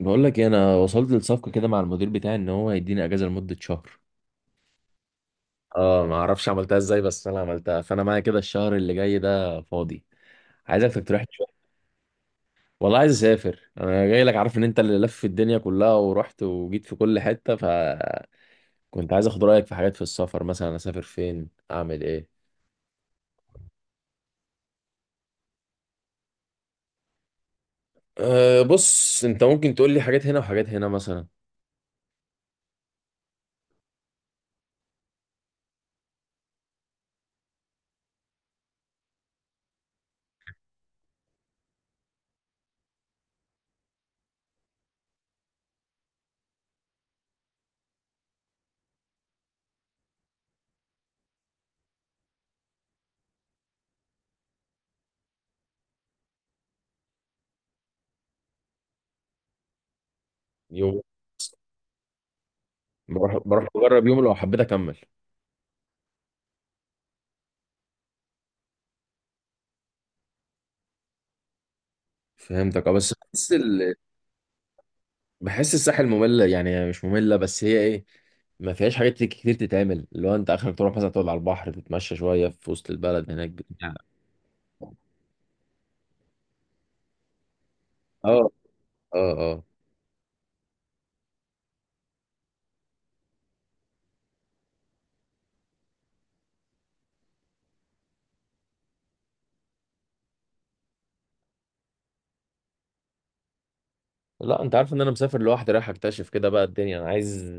بقول لك إيه، انا وصلت للصفقه كده مع المدير بتاعي ان هو هيديني اجازه لمده شهر. اه، ما اعرفش عملتها ازاي، بس انا عملتها، فانا معايا كده الشهر اللي جاي ده فاضي. عايزك تقترح لي شويه. والله عايز اسافر، انا جاي لك عارف ان انت اللي لف الدنيا كلها ورحت وجيت في كل حته، فكنت عايز اخد رايك في حاجات في السفر، مثلا اسافر فين، اعمل ايه. أه بص، انت ممكن تقول لي حاجات هنا وحاجات هنا مثلا. يوم. بروح اجرب يوم لو حبيت اكمل. فهمتك. اه، بس. بحس الساحل مملة، يعني مش مملة، بس هي ايه، ما فيهاش حاجات كتير تتعمل، اللي هو انت اخرك تروح مثلا تقعد على البحر، تتمشى شوية في وسط البلد هناك بتاع. اه. اه. اه. لا، انت عارف ان انا مسافر لوحدي، رايح اكتشف كده بقى الدنيا. انا عايز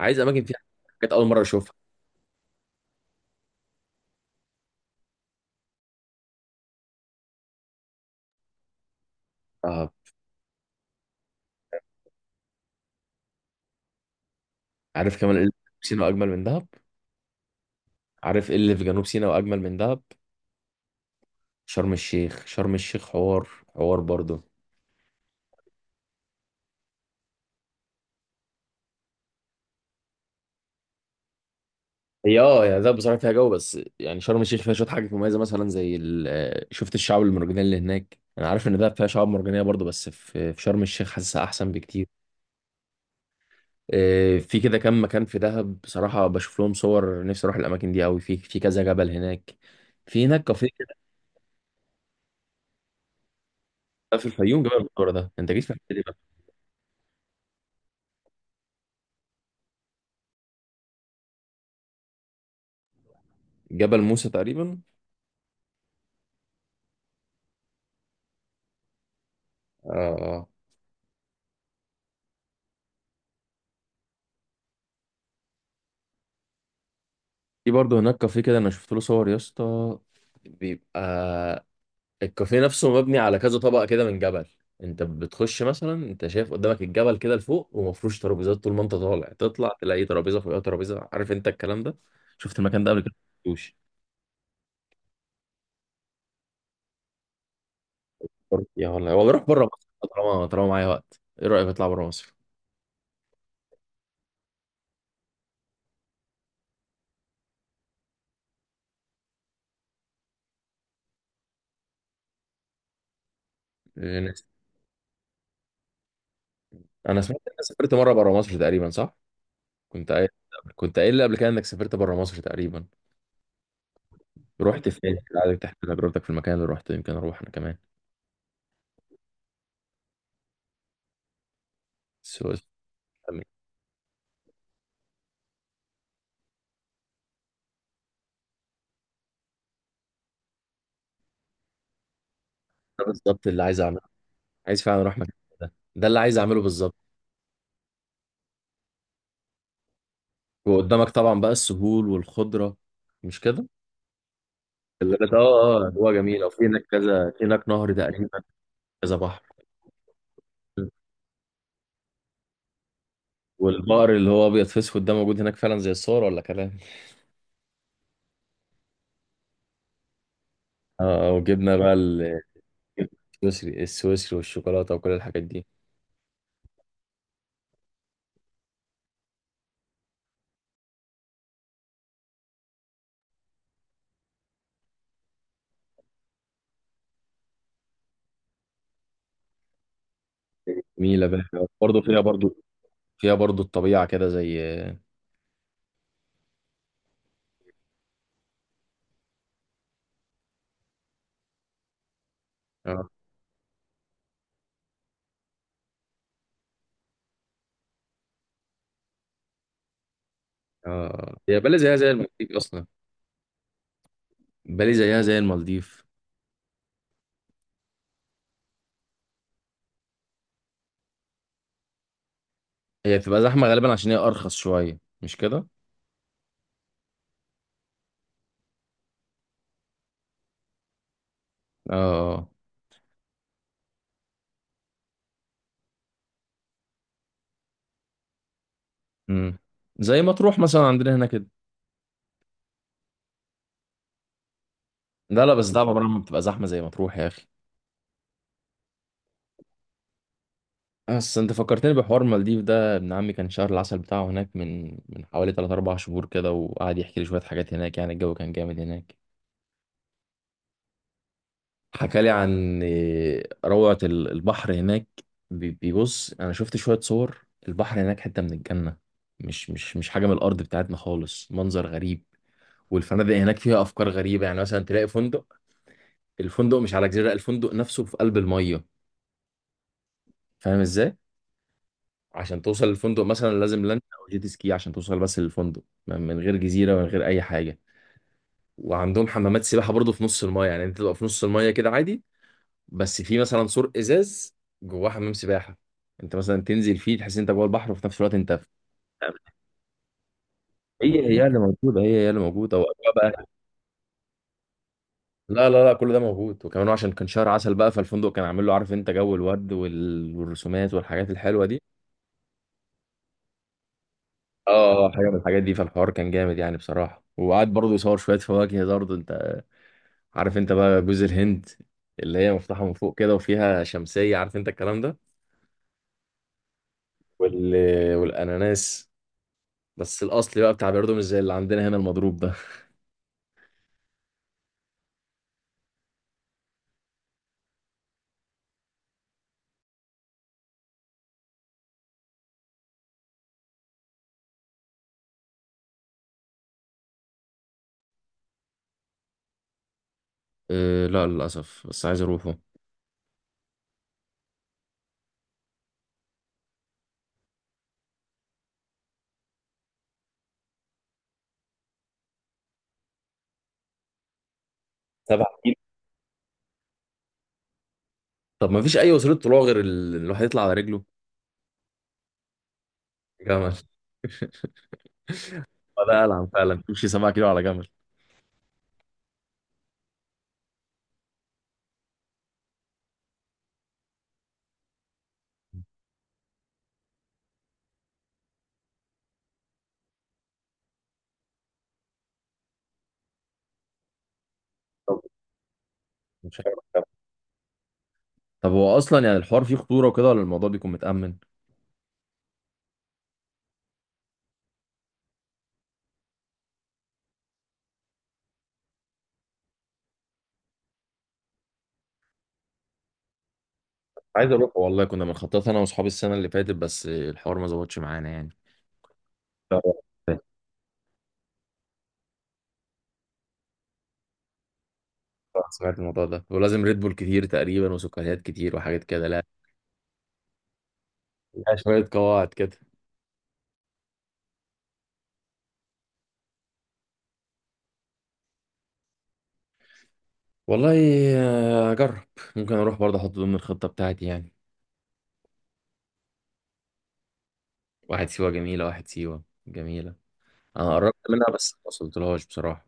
عايز اماكن فيها حاجات اول مرة اشوفها. اه. عارف كمان ايه اللي في سينا اجمل من دهب. عارف ايه اللي في جنوب سينا واجمل من دهب. شرم الشيخ، شرم الشيخ حوار. حوار برضه. هي اه، يعني ده بصراحه فيها جو، بس يعني شرم الشيخ فيها شويه حاجات مميزه، مثلا زي شفت الشعاب المرجانيه اللي هناك. انا عارف ان ده فيها شعاب مرجانيه برضه، بس في في شرم الشيخ حاسسها احسن بكتير. في كده كام مكان في دهب، بصراحه بشوف لهم صور، نفسي اروح الاماكن دي قوي. في في كذا جبل هناك، في هناك كافيه كده. في الفيوم جبل المنورة ده، انت جيت في الحته دي بقى؟ جبل موسى تقريبا. اه. اه. آه. في برضه هناك كافيه كده، انا شفت له صور يا اسطى. بيبقى الكافيه نفسه مبني على كذا طبقة كده من جبل. انت بتخش مثلا، انت شايف قدامك الجبل كده لفوق، ومفروش ترابيزات. طول ما انت طالع تطلع تلاقي ترابيزة فوقها ترابيزة. عارف انت الكلام ده؟ شفت المكان ده قبل كده؟ مشفتوش. يا والله، والله روح بره مصر. طالما معايا وقت، ايه رأيك اطلع بره مصر؟ انا أنا سمعت انك سافرت مرة بره مصر تقريبا، صح؟ كنت قايل كنت قايل لي قبل كده انك سافرت بره مصر تقريبا. رحت فين؟ عايزك تحكي تجربتك في المكان اللي رحت، يمكن اروح انا كمان. السويس؟ بالظبط اللي عايز اعمله. عايز فعلا اروح مكان. ده اللي عايز اعمله بالظبط. وقدامك طبعا بقى السهول والخضره، مش كده؟ اه، اه، هو جميل. وفي هناك كذا، في هناك نهر تقريبا، كذا بحر. والبقر اللي هو ابيض في اسود ده موجود هناك فعلا زي الصور، ولا كلام؟ اه. آه، وجبنا بقى السويسري السويسري والشوكولاته وكل الحاجات دي. جميله بقى برضه، فيها برضه الطبيعه كده زي اه. اه. آه. هي بالي زيها زي المالديف اصلا. بالي زيها زي المالديف. هي بتبقى زحمه غالبا عشان هي ارخص شويه، مش كده؟ اه. امم زي ما تروح مثلا عندنا هنا كده. لا لا، بس ده عمرها ما بتبقى زحمه زي ما تروح يا اخي. بس انت فكرتني بحوار المالديف ده، ابن عمي كان شهر العسل بتاعه هناك من حوالي 3 4 شهور كده، وقعد يحكي لي شويه حاجات هناك. يعني الجو كان جامد هناك. حكى لي عن إيه، روعه البحر هناك. بيبص، انا شفت شويه صور البحر هناك، حته من الجنه. مش حاجه من الارض بتاعتنا خالص، منظر غريب. والفنادق هناك فيها افكار غريبه، يعني مثلا تلاقي فندق، الفندق مش على جزيرة، الفندق نفسه في قلب المية. فاهم ازاي؟ عشان توصل للفندق مثلا لازم لانش او جيت سكي عشان توصل بس للفندق. من غير جزيرة ومن غير اي حاجة. وعندهم حمامات سباحة برضو في نص المية، يعني انت تبقى في نص المية كده عادي. بس في مثلا سور ازاز، جواه حمام سباحة، انت مثلا تنزل فيه تحس انت جوه البحر، وفي نفس الوقت انت في. هي هي اللي موجودة، هي هي اللي موجودة، وأجواء بقى. لا لا لا، كل ده موجود. وكمان عشان كان شهر عسل بقى، فالفندق كان عامل له، عارف انت جو الورد والرسومات والحاجات الحلوة دي. اه، اه، حاجه من الحاجات دي، فالحوار كان جامد يعني بصراحه. وقعد برضه يصور شويه فواكه برضه. انت عارف انت بقى جوز الهند اللي هي مفتوحه من فوق كده وفيها شمسيه، عارف انت الكلام ده؟ وال... والاناناس، بس الاصلي بقى بتاع بيردو، مش زي اللي عندنا هنا المضروب ده. أه، لا للاسف بس عايز اروحه. سبع كيلو؟ طب ما فيش اي وسيله طلوع غير الواحد يطلع على رجله؟ جمل. ده العن فعلا، تمشي 7 كيلو على جمل. طب مش عارف. طب هو اصلا يعني الحوار فيه خطوره وكده، ولا الموضوع بيكون متامن؟ عايز اروح والله، كنا بنخطط انا واصحابي السنه اللي فاتت بس الحوار ما ظبطش معانا يعني. لا، سمعت الموضوع ده، ولازم ريد بول كتير تقريبا وسكريات كتير وحاجات كده. لا. لا، شويه قواعد كده. والله، اجرب. ممكن اروح برضه، احط ضمن الخطه بتاعتي يعني. واحد سيوه جميله، واحد سيوه جميله. انا قربت منها بس ما وصلتلهاش بصراحه.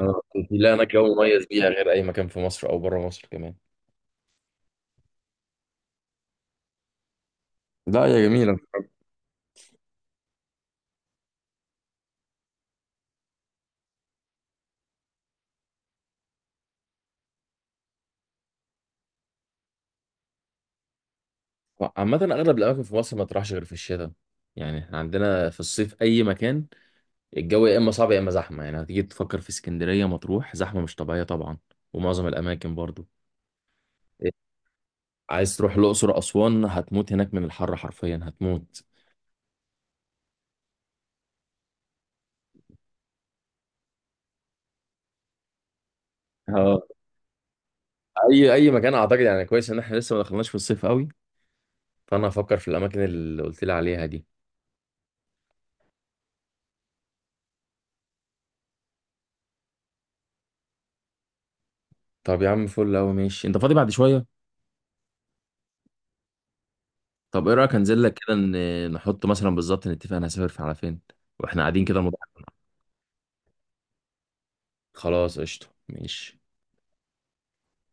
أنا- لا، انا جو مميز بيها غير اي مكان في مصر او بره مصر كمان. لا يا جميله. عامه اغلب الاماكن في مصر ما تروحش غير في الشتاء. يعني احنا عندنا في الصيف اي مكان، الجو يا اما صعب يا اما زحمه. يعني هتيجي تفكر في اسكندريه مطروح، زحمه مش طبيعيه طبعا، ومعظم الاماكن برضو. إيه، عايز تروح الاقصر اسوان، هتموت هناك من الحر، حرفيا هتموت. اه. اي مكان، اعتقد يعني كويس ان احنا لسه ما دخلناش في الصيف قوي، فانا هفكر في الاماكن اللي قلت لي عليها دي. طب يا عم فل قوي، ماشي. انت فاضي بعد شويه؟ طب ايه رايك انزل لك كده، نحط مثلا بالظبط نتفق انا هسافر في على فين، واحنا قاعدين كده الموضوع. خلاص، قشطه، ماشي.